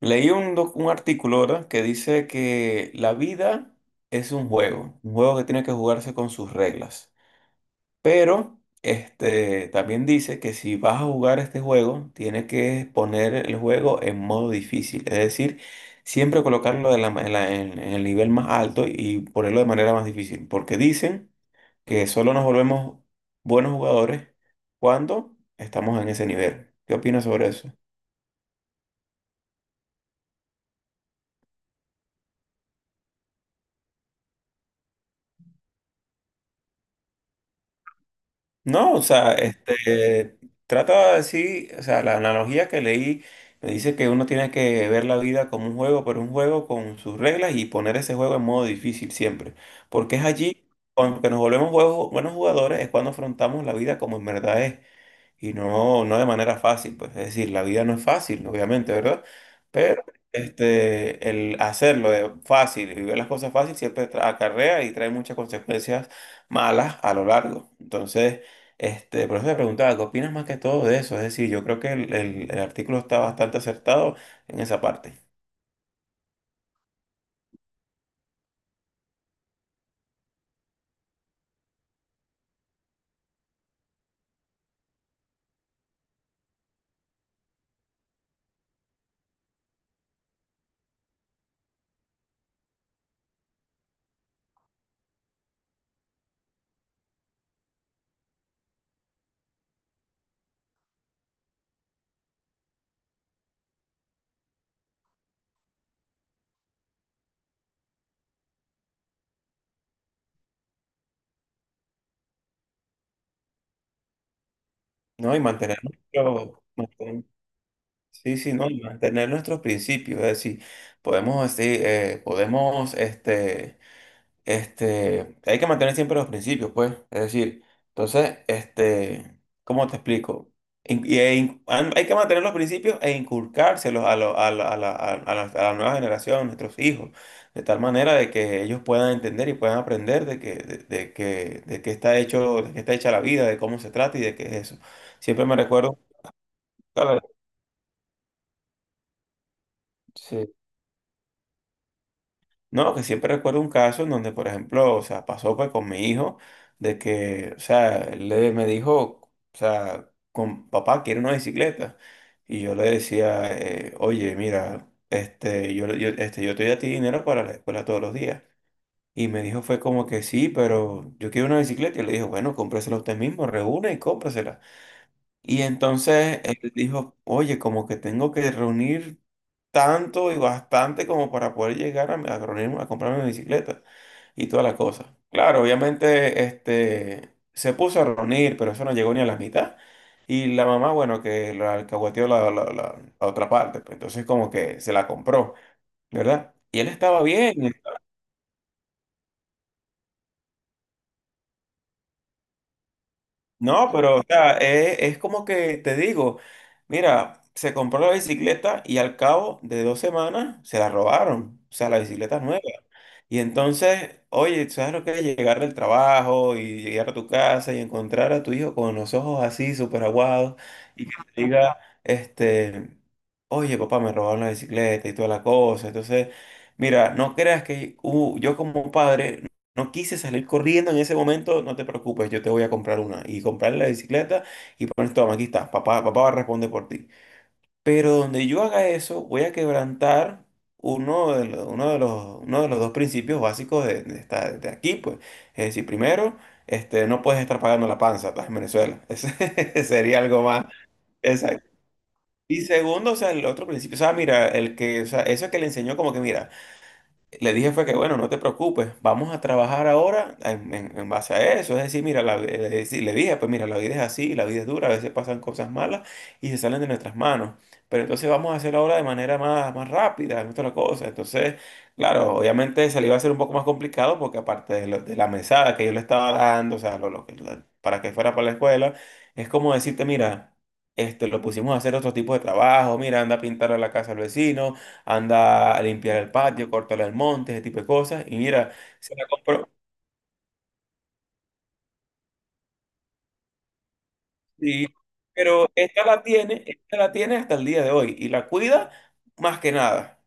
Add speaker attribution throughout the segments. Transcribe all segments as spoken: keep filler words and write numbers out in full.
Speaker 1: Leí un, doc- un artículo, ¿verdad? Que dice que la vida es un juego, un juego que tiene que jugarse con sus reglas. Pero este, también dice que si vas a jugar este juego, tienes que poner el juego en modo difícil, es decir, siempre colocarlo de la ma- en, la- en- en el nivel más alto y ponerlo de manera más difícil, porque dicen que solo nos volvemos buenos jugadores cuando estamos en ese nivel. ¿Qué opinas sobre eso? No, o sea, este, trata de decir, o sea, la analogía que leí me dice que uno tiene que ver la vida como un juego, pero un juego con sus reglas y poner ese juego en modo difícil siempre. Porque es allí, cuando que nos volvemos juegos- buenos jugadores, es cuando afrontamos la vida como en verdad es. Y no, no de manera fácil, pues. Es decir, la vida no es fácil, obviamente, ¿verdad? Pero este, el hacerlo de fácil y ver las cosas fácil siempre tra- acarrea y trae muchas consecuencias malas a lo largo. Entonces, este, por eso te preguntaba, ¿qué opinas más que todo de eso? Es decir, yo creo que el, el- el artículo está bastante acertado en esa parte, ¿no? Y mantener nuestro, mantener- sí, sí, ¿no? Y mantener nuestros principios. Es decir, podemos, así, eh, podemos, este Este, hay que mantener siempre los principios, pues. Es decir, entonces, este, ¿cómo te explico? In- y- e in- han- hay que mantener los principios e inculcárselos a, lo- a, la, a, la, a- a la- a la nueva generación, nuestros hijos, de tal manera de que ellos puedan entender y puedan aprender de que, de, de que, de qué está hecho, de qué está hecha la vida, de cómo se trata y de qué es eso. Siempre me recuerdo, claro, sí. No, que siempre recuerdo un caso en donde, por ejemplo, o sea, pasó pues con mi hijo, de que, o sea, él le, me dijo, o sea, con papá, quiero una bicicleta. Y yo le decía, eh, oye, mira, este, yo, yo- este, yo te doy a ti dinero para la escuela todos los días. Y me dijo, fue como que sí, pero yo quiero una bicicleta. Y le dije, bueno, cómpresela usted mismo, reúne y cómprasela. Y entonces él dijo, oye, como que tengo que reunir tanto y bastante como para poder llegar a, a reunirme, a comprarme mi bicicleta y toda la cosa. Claro, obviamente este, se puso a reunir, pero eso no llegó ni a la mitad. Y la mamá, bueno, que la alcahueteó la, la, la- la otra parte, pues, entonces como que se la compró, ¿verdad? Y él estaba bien. No, pero o sea, es, es como que te digo, mira, se compró la bicicleta y al cabo de dos semanas se la robaron, o sea, la bicicleta es nueva. Y entonces, oye, ¿sabes lo que es llegar del trabajo y llegar a tu casa y encontrar a tu hijo con los ojos así, súper aguados, y que te diga, este, oye, papá, me robaron la bicicleta y toda la cosa? Entonces, mira, no creas que uh, yo como padre no quise salir corriendo en ese momento, no te preocupes, yo te voy a comprar una. Y comprarle la bicicleta y pones, toma, aquí está, papá, papá va a responder por ti. Pero donde yo haga eso, voy a quebrantar uno de los, uno de los, uno de los dos principios básicos de, de esta- de aquí, pues. Es decir, primero, este, no puedes estar pagando la panza, estás en Venezuela. Ese sería algo más. Exacto. Y segundo, o sea, el otro principio, o sea, mira, el que, o sea, eso que le enseñó como que, mira, le dije fue que, bueno, no te preocupes, vamos a trabajar ahora en, en- en base a eso. Es decir, mira, la le decí- le dije, pues mira, la vida es así, la vida es dura, a veces pasan cosas malas y se salen de nuestras manos. Pero entonces vamos a hacerlo ahora de manera más, más rápida, es otra cosa. Entonces, claro, obviamente se le iba a hacer un poco más complicado porque aparte de, lo- de la mesada que yo le estaba dando, o sea, lo, lo que- lo- para que fuera para la escuela, es como decirte, mira, este, lo pusimos a hacer otro tipo de trabajo, mira, anda a pintar a la casa al vecino, anda a limpiar el patio, cortarle el monte, ese tipo de cosas. Y mira, se la compró. Sí, pero esta la tiene, esta la tiene hasta el día de hoy y la cuida más que nada.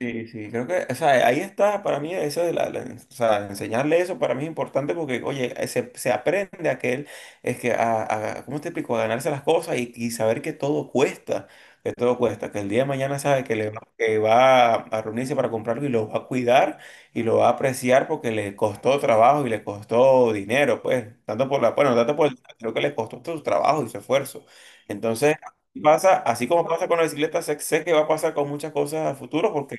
Speaker 1: Sí, sí, creo que, o sea, ahí está para mí eso de la, la- o sea, enseñarle eso para mí es importante porque, oye, eh, se, se aprende a que él, es que, a, a- ¿cómo te explico? A ganarse las cosas y, y saber que todo cuesta, que todo cuesta, que el día de mañana sabe que, le va, que va a reunirse para comprarlo y lo va a cuidar y lo va a apreciar porque le costó trabajo y le costó dinero, pues, tanto por la, bueno, tanto por el, creo que le costó su trabajo y su esfuerzo. Entonces, pasa, así como pasa con la bicicleta, sé, sé que va a pasar con muchas cosas a futuro porque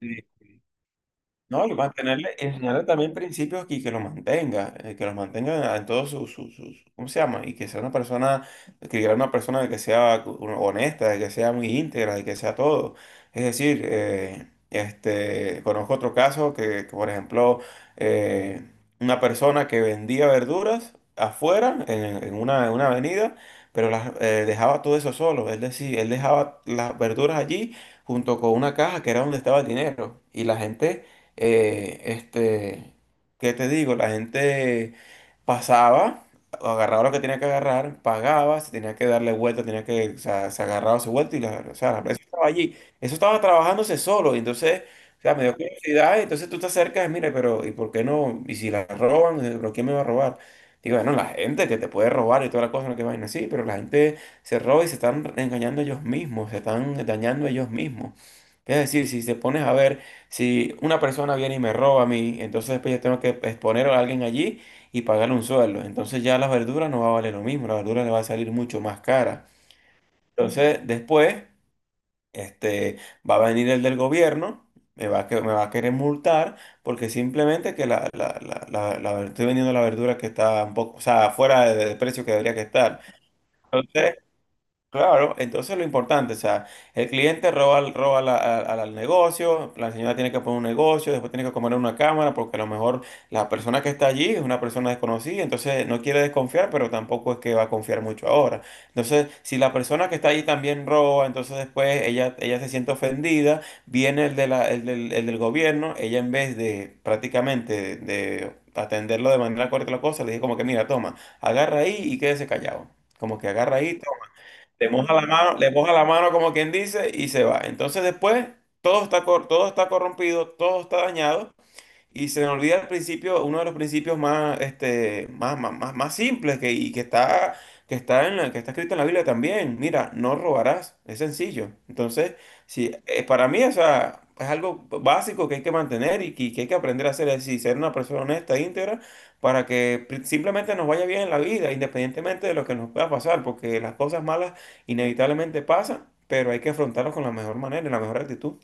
Speaker 1: sí. No, y mantenerle, enseñarle también principios y que los mantenga, eh, que los mantenga en todos sus, sus, sus- ¿cómo se llama? Y que sea una persona, que sea una persona de que sea honesta, de que sea muy íntegra, de que sea todo. Es decir, eh, este, conozco otro caso que, que, por ejemplo, eh, una persona que vendía verduras afuera, en, en una, en una avenida, pero las, eh, dejaba todo eso solo, es decir, él dejaba las verduras allí junto con una caja que era donde estaba el dinero. Y la gente eh, este, ¿qué te digo? La gente pasaba, agarraba lo que tenía que agarrar, pagaba, se tenía que darle vuelta, tenía que, o sea, se agarraba su vuelta y la, o sea, la empresa estaba allí. Eso estaba trabajándose solo, y entonces, o sea, me dio curiosidad, y entonces tú te acercas, mira, pero ¿y por qué no? ¿Y si la roban? Eh, ¿Pero quién me va a robar? Digo, bueno, la gente que te puede robar y toda la cosa, no que vaina así, pero la gente se roba y se están engañando ellos mismos, se están dañando ellos mismos. Es decir, si te pones a ver si una persona viene y me roba a mí, entonces después yo tengo que exponer a alguien allí y pagarle un sueldo. Entonces ya la verdura no va a valer lo mismo, la verdura le va a salir mucho más cara. Entonces después, este, va a venir el del gobierno, me va a, que- me va a querer multar porque simplemente que la, la, la, la- la- estoy vendiendo la verdura que está un poco, o sea, fuera de- del precio que debería que estar. Entonces, claro, entonces lo importante, o sea, el cliente roba, al- roba la- a- al al negocio, la señora tiene que poner un negocio, después tiene que comer una cámara, porque a lo mejor la persona que está allí es una persona desconocida, entonces no quiere desconfiar, pero tampoco es que va a confiar mucho ahora. Entonces, si la persona que está allí también roba, entonces después ella, ella se siente ofendida, viene el, de la, el, del, el del gobierno, ella en vez de prácticamente de atenderlo de manera correcta la cosa, le dice como que mira, toma, agarra ahí y quédese callado. Como que agarra ahí. Le moja la mano, le moja la mano como quien dice y se va. Entonces después todo está, cor- todo está corrompido, todo está dañado y se me olvida el principio, uno de los principios más, este, más, más, más, más simples que, y que está, que está en la, que está escrito en la Biblia también. Mira, no robarás. Es sencillo. Entonces, sí, eh, para mí, o sea, es algo básico que hay que mantener y que, que hay que aprender a hacer, es decir, ser una persona honesta, e íntegra, para que pri- simplemente nos vaya bien en la vida, independientemente de lo que nos pueda pasar, porque las cosas malas inevitablemente pasan, pero hay que afrontarlas con la mejor manera y la mejor actitud.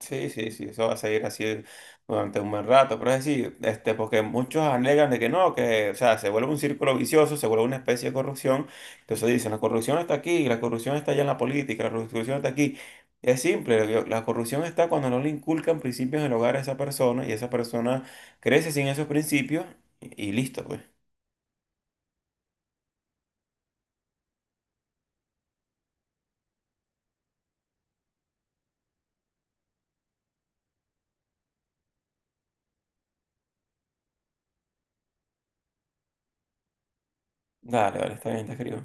Speaker 1: Sí, sí, sí, eso va a seguir así durante un buen rato, pero es decir, este, porque muchos alegan de que no, que, o sea, se vuelve un círculo vicioso, se vuelve una especie de corrupción, entonces dicen, la corrupción está aquí, la corrupción está allá en la política, la corrupción está aquí. Es simple, yo- la corrupción está cuando no le inculcan principios en el hogar a esa persona y esa persona crece sin esos principios y, y listo, pues. Dale, dale, está bien, te escribo.